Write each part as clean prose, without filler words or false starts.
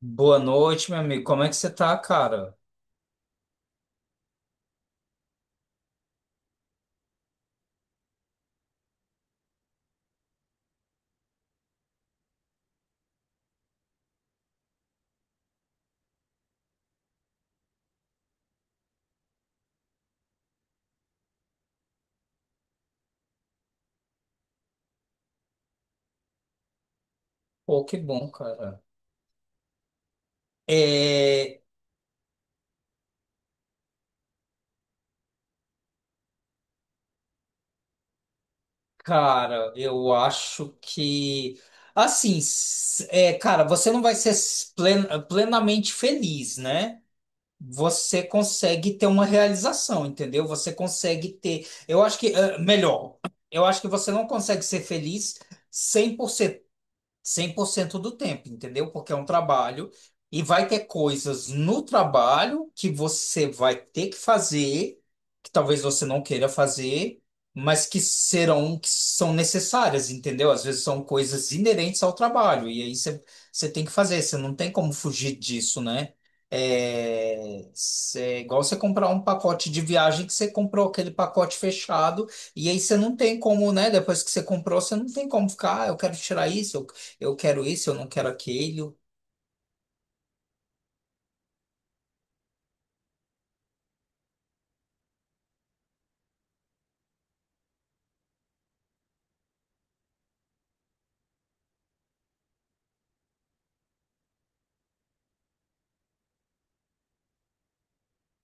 Boa noite, meu amigo. Como é que você tá, cara? Pô, que bom, cara. É, cara, eu acho que. Assim, é, cara, você não vai ser plenamente feliz, né? Você consegue ter uma realização, entendeu? Você consegue ter. Eu acho que. Eu acho que você não consegue ser feliz 100%. 100% do tempo, entendeu? Porque é um trabalho e vai ter coisas no trabalho que você vai ter que fazer, que talvez você não queira fazer, mas que são necessárias, entendeu? Às vezes são coisas inerentes ao trabalho e aí você tem que fazer, você não tem como fugir disso, né? É, é igual você comprar um pacote de viagem que você comprou aquele pacote fechado e aí você não tem como, né? Depois que você comprou, você não tem como ficar, ah, eu quero tirar isso, eu quero isso, eu não quero aquilo.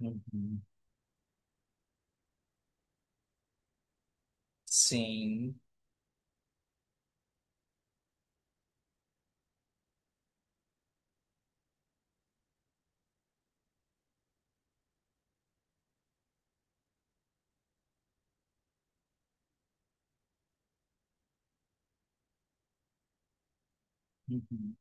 Uhum. Sim. Uhum.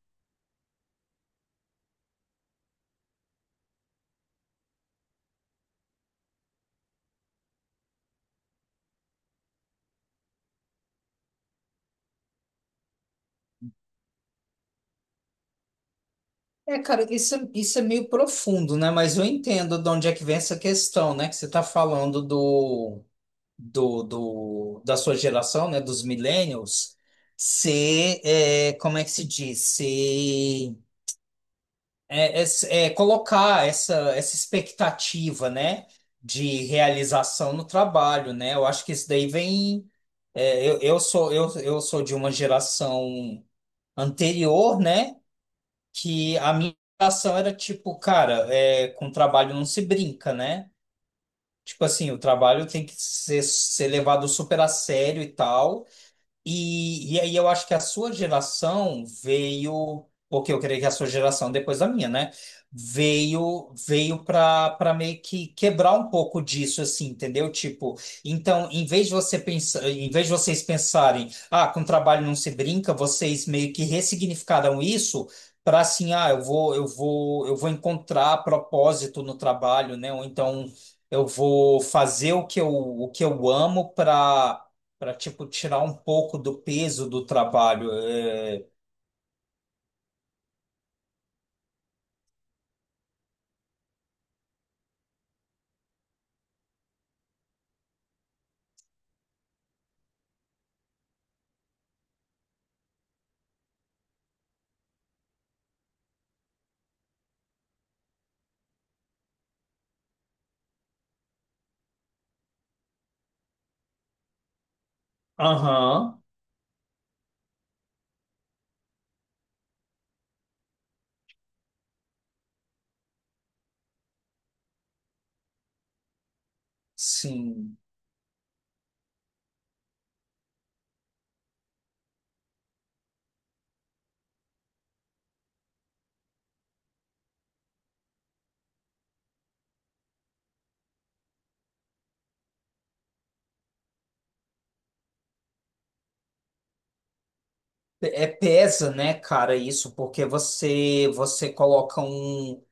É, cara, isso é meio profundo, né? Mas eu entendo de onde é que vem essa questão, né? Que você está falando da sua geração, né? Dos millennials, como é que se diz? Ser é colocar essa expectativa, né, de realização no trabalho, né? Eu acho que isso daí vem. Eu sou de uma geração anterior, né? Que a minha geração era tipo, cara, com trabalho não se brinca, né? Tipo assim, o trabalho tem que ser levado super a sério e tal. E aí eu acho que a sua geração veio, porque eu creio que a sua geração depois da minha, né? Veio para meio que quebrar um pouco disso assim, entendeu? Tipo, então, em vez de você pensar, em vez de vocês pensarem, ah, com trabalho não se brinca, vocês meio que ressignificaram isso para assim, ah, eu vou encontrar propósito no trabalho, né? Ou então eu vou fazer o que eu amo para tipo tirar um pouco do peso do trabalho. É. Aham. Sim. É pesa, né, cara, isso, porque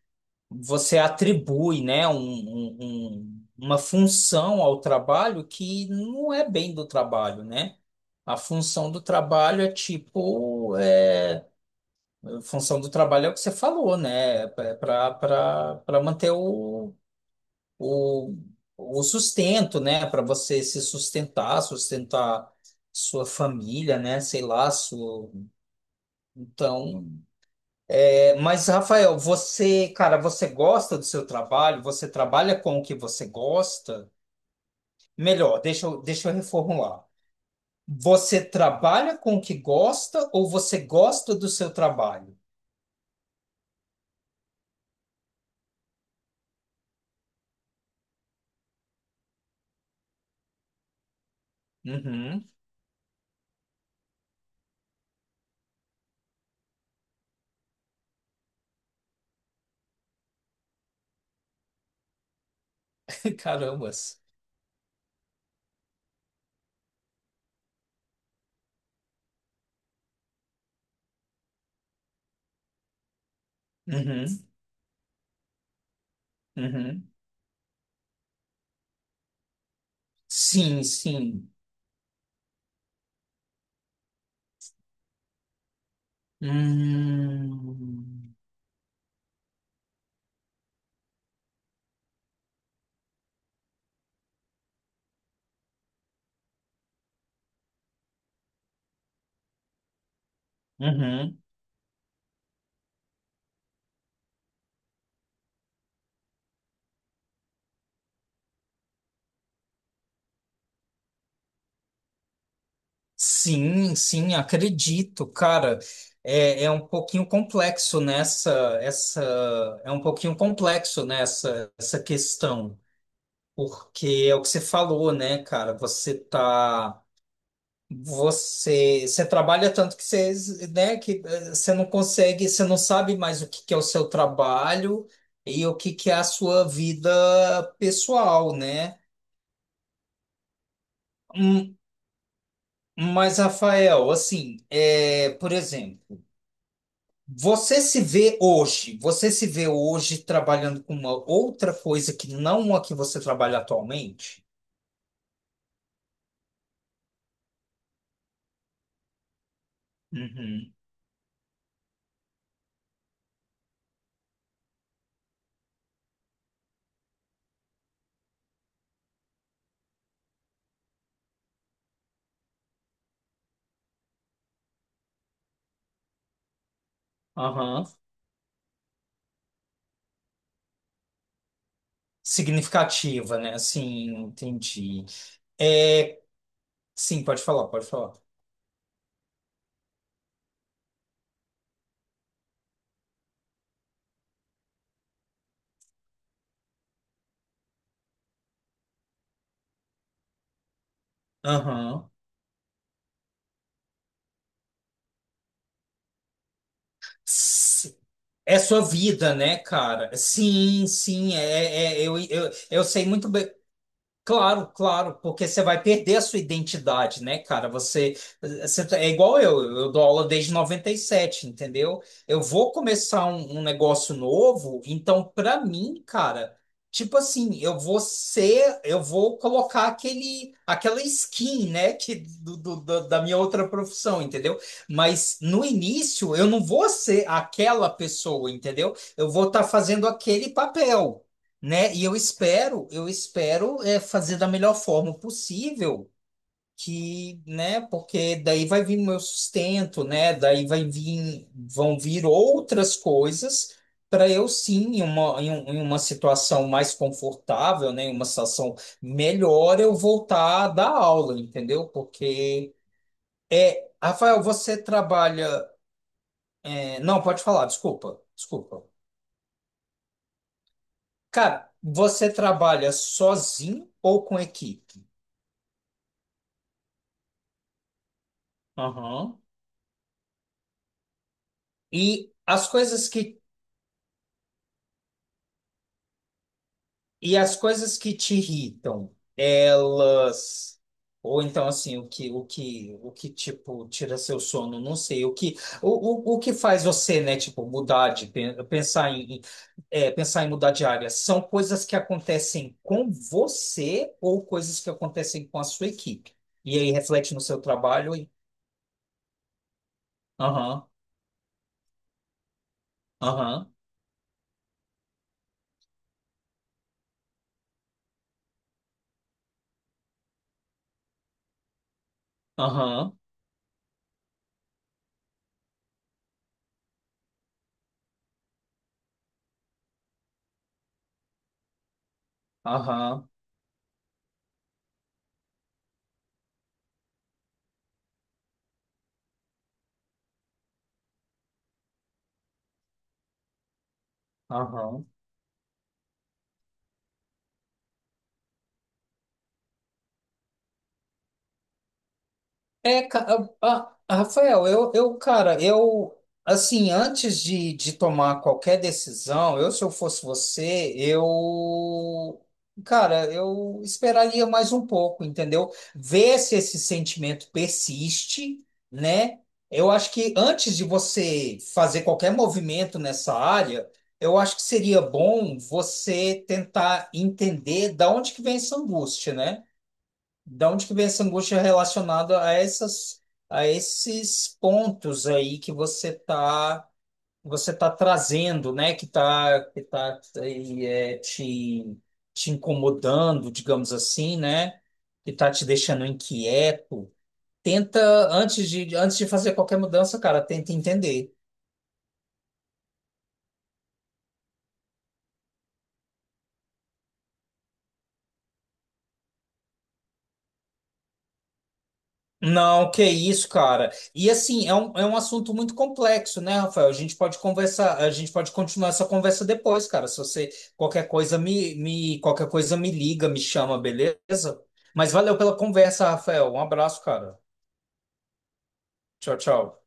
você atribui, né, uma função ao trabalho que não é bem do trabalho, né? A função do trabalho é tipo, a função do trabalho é o que você falou, né? Para manter o, o sustento, né? Para você se sustentar, sustentar sua família, né? Sei lá, sua. Então, mas Rafael, cara, você gosta do seu trabalho? Você trabalha com o que você gosta? Melhor, deixa eu reformular. Você trabalha com o que gosta ou você gosta do seu trabalho? Uhum. Carambas. Uhum. Uhum. Sim, sim. Hum. Uhum. Sim, sim, acredito, cara. É, é um pouquinho complexo nessa, essa, é um pouquinho complexo nessa, essa questão, porque é o que você falou, né, cara? Você trabalha tanto que você, né, que você não consegue, você não sabe mais o que que é o seu trabalho e o que que é a sua vida pessoal, né? Hum. Mas, Rafael, assim, por exemplo. Você se vê hoje trabalhando com uma outra coisa que não a que você trabalha atualmente? Uhum. Aham. Significativa, né? Assim, entendi. É, sim, pode falar, pode falar. Aham. S- É sua vida, né, cara? Sim, sim, eu sei muito bem. Claro, claro, porque você vai perder a sua identidade, né, cara? Você tá, é igual eu, dou aula desde 97, entendeu? Eu vou começar um negócio novo, então pra mim, cara, tipo assim, eu vou colocar aquela skin, né, que da minha outra profissão, entendeu? Mas no início eu não vou ser aquela pessoa, entendeu? Eu vou estar fazendo aquele papel, né? E eu espero fazer da melhor forma possível, que, né? Porque daí vai vir meu sustento, né? Daí vai vir, vão vir outras coisas para eu sim, em uma situação mais confortável, né? Em uma situação melhor, eu voltar a dar aula, entendeu? Porque, Rafael, você trabalha. Não, pode falar, desculpa, desculpa. Cara, você trabalha sozinho ou com equipe? Aham. E as coisas que e as coisas que te irritam, elas, ou então assim, o que tipo tira seu sono, não sei, o, que o que faz você, né, tipo mudar de pensar em mudar de área, são coisas que acontecem com você ou coisas que acontecem com a sua equipe? E aí reflete no seu trabalho e aham, aham, aham, aham, aham. Aham. É, a- Rafael, cara, eu, assim, antes de tomar qualquer decisão, eu, se eu fosse você, eu, cara, eu esperaria mais um pouco, entendeu? Ver se esse sentimento persiste, né? Eu acho que antes de você fazer qualquer movimento nessa área, eu acho que seria bom você tentar entender da onde que vem essa angústia, né? Da onde que vem essa angústia relacionada a essas, a esses pontos aí que você tá trazendo, né? Que tá aí, te incomodando, digamos assim, né? Que tá te deixando inquieto. Tenta, antes de, fazer qualquer mudança, cara, tenta entender. Não, que isso, cara. E assim, é um assunto muito complexo, né, Rafael? A gente pode conversar, a gente pode continuar essa conversa depois, cara. Se você qualquer coisa me qualquer coisa me liga, me chama, beleza? Mas valeu pela conversa, Rafael. Um abraço, cara. Tchau, tchau.